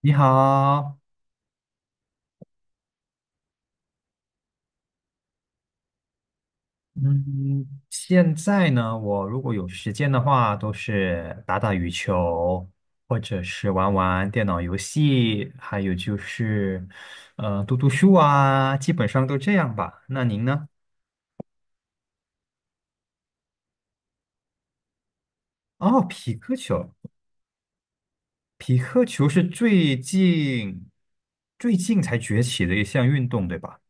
你好，嗯，现在呢，我如果有时间的话，都是打打羽球，或者是玩玩电脑游戏，还有就是，读读书啊，基本上都这样吧。那您呢？哦，匹克球，匹克球是最近才崛起的一项运动，对吧？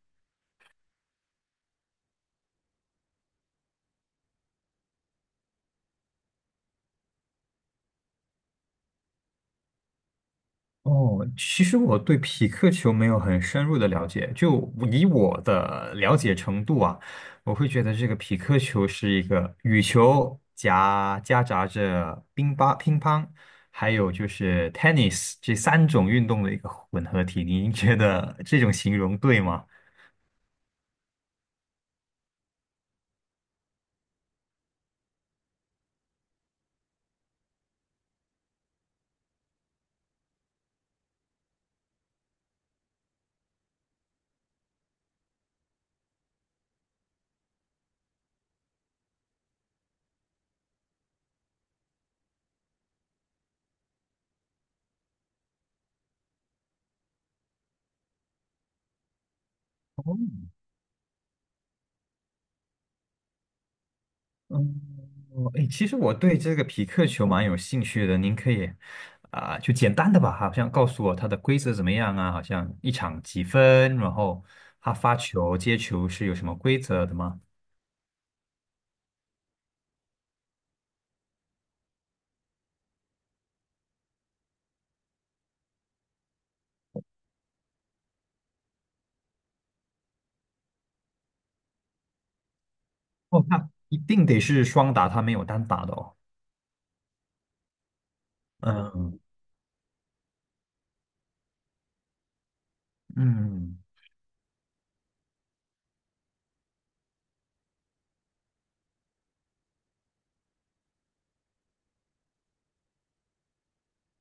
哦，其实我对匹克球没有很深入的了解，就以我的了解程度啊，我会觉得这个匹克球是一个羽球夹杂着乒乓，还有就是 tennis 这三种运动的一个混合体。您觉得这种形容对吗？嗯。哦，哎，其实我对这个匹克球蛮有兴趣的，您可以啊、就简单的吧，好像告诉我它的规则怎么样啊？好像一场几分，然后他发球、接球是有什么规则的吗？哦，那一定得是双打，它没有单打的哦。嗯嗯，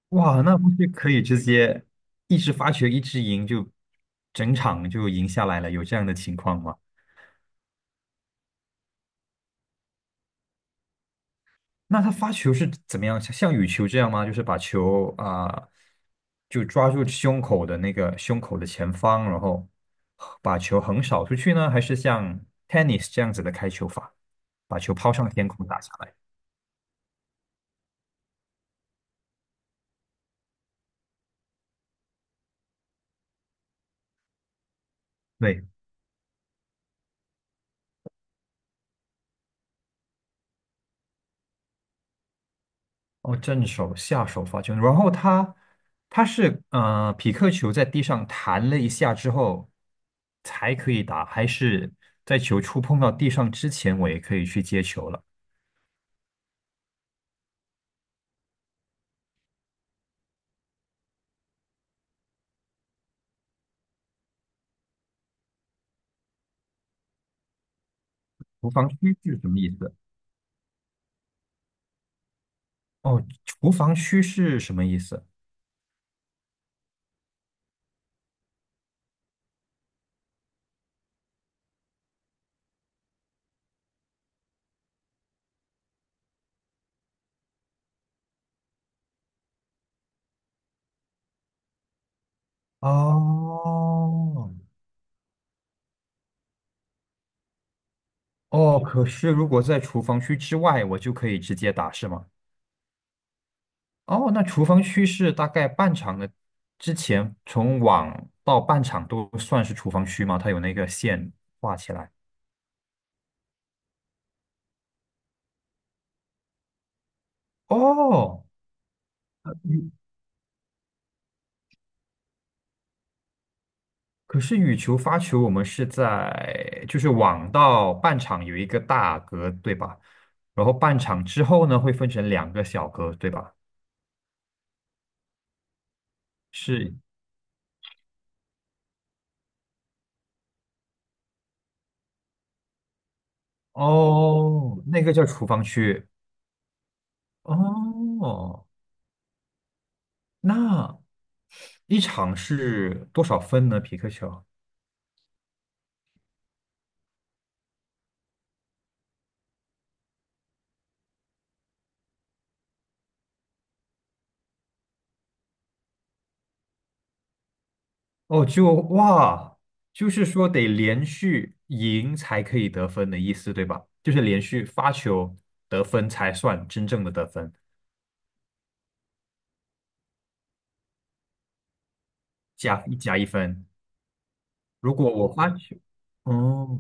哇，那不是可以直接一直发球一直赢，就整场就赢下来了？有这样的情况吗？那他发球是怎么样？像羽球这样吗？就是把球啊、就抓住胸口的前方，然后把球横扫出去呢？还是像 tennis 这样子的开球法，把球抛上天空打下来？对，哦，正手、下手发球，然后他是匹克球在地上弹了一下之后才可以打，还是在球触碰到地上之前我也可以去接球了？无防区是什么意思？哦，厨房区是什么意思？哦，哦，可是如果在厨房区之外，我就可以直接打，是吗？哦，那厨房区是大概半场的之前，从网到半场都算是厨房区吗？它有那个线画起来。哦，可是羽球、发球，我们是在就是网到半场有一个大格，对吧？然后半场之后呢，会分成两个小格，对吧？是，哦，那个叫厨房区。哦，那一场是多少分呢？皮克球？哦，就哇，就是说得连续赢才可以得分的意思，对吧？就是连续发球得分才算真正的得分，加一分。如果我发球，哦，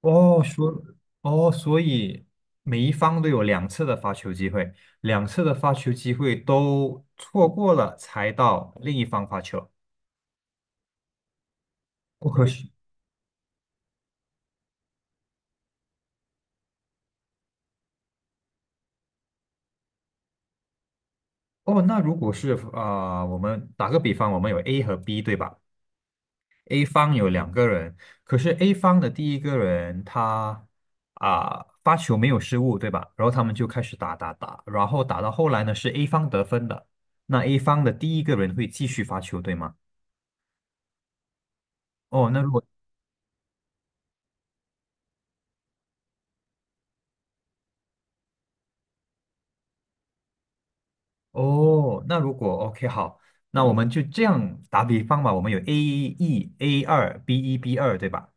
哦，哦，所以每一方都有两次的发球机会，两次的发球机会都错过了，才到另一方发球。不可许哦，那如果是啊、我们打个比方，我们有 A 和 B，对吧？A 方有两个人，可是 A 方的第一个人他啊、发球没有失误，对吧？然后他们就开始打打打，然后打到后来呢是 A 方得分的，那 A 方的第一个人会继续发球，对吗？哦，那如果。哦，那如果 OK 好，那我们就这样打比方吧。我们有 A 一、A 二、B 一、B 二，对吧？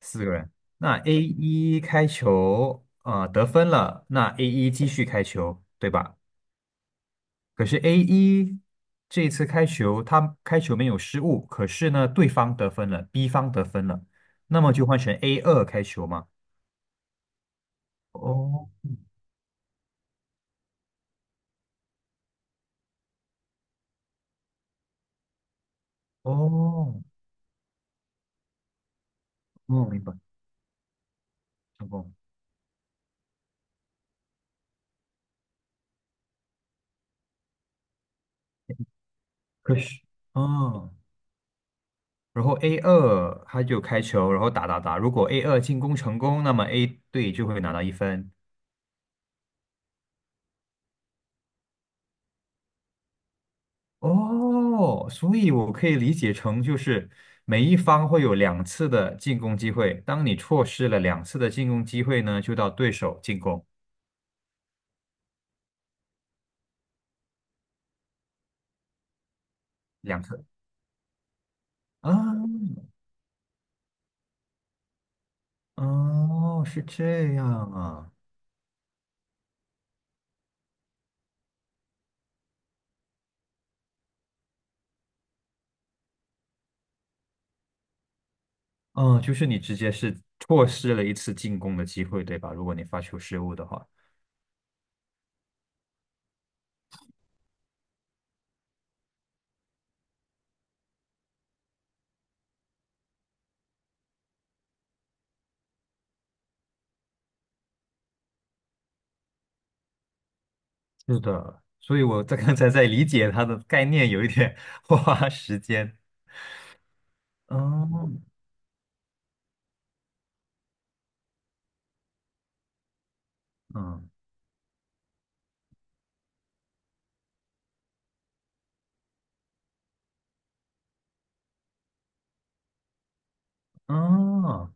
四个人。那 A 一开球，啊，得分了，那 A 一继续开球，对吧？可是 A 一这一次开球，他开球没有失误，可是呢，对方得分了，B 方得分了，那么就换成 A 二开球嘛。哦哦，哦，明白，成功。可是，嗯。然后 A 二他就开球，然后打打打。如果 A 二进攻成功，那么 A 队就会拿到一分。哦，所以我可以理解成就是每一方会有两次的进攻机会，当你错失了两次的进攻机会呢，就到对手进攻两次啊。哦，是这样啊。嗯，就是你直接是错失了一次进攻的机会，对吧？如果你发球失误的话。是的，所以我在 刚才在理解它的概念，有一点 花时间。哦，嗯，哦，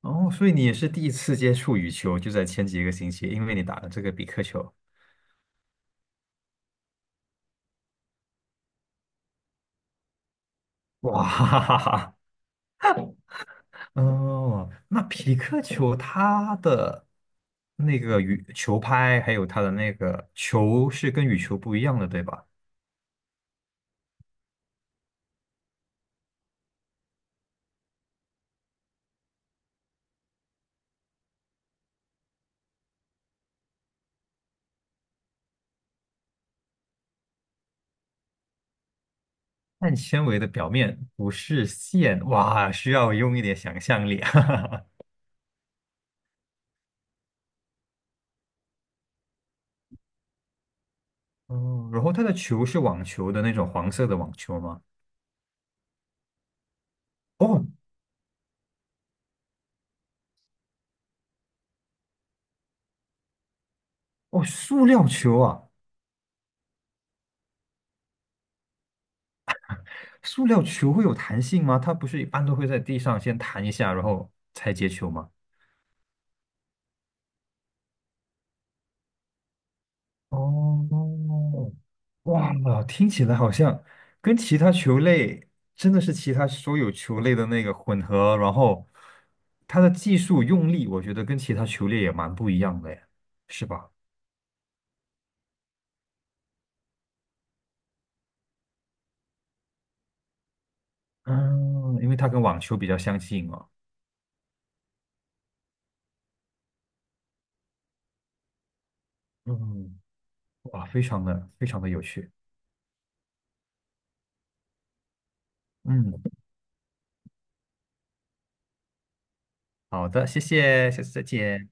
哦，所以你也是第一次接触羽球，就在前几个星期，因为你打了这个比克球。哇，哈哈哈哈哦，那匹克球它的那个羽球拍，还有它的那个球是跟羽球不一样的，对吧？碳纤维的表面不是线，哇，需要用一点想象力。啊。哦，然后它的球是网球的那种黄色的网球吗？哦哦，塑料球啊，塑料球会有弹性吗？它不是一般都会在地上先弹一下，然后才接球吗？哦，哇，听起来好像跟其他球类真的是其他所有球类的那个混合，然后它的技术用力，我觉得跟其他球类也蛮不一样的耶，是吧？嗯，因为它跟网球比较相近哦。嗯。哇，非常的非常的有趣。嗯，好的，谢谢，下次再见。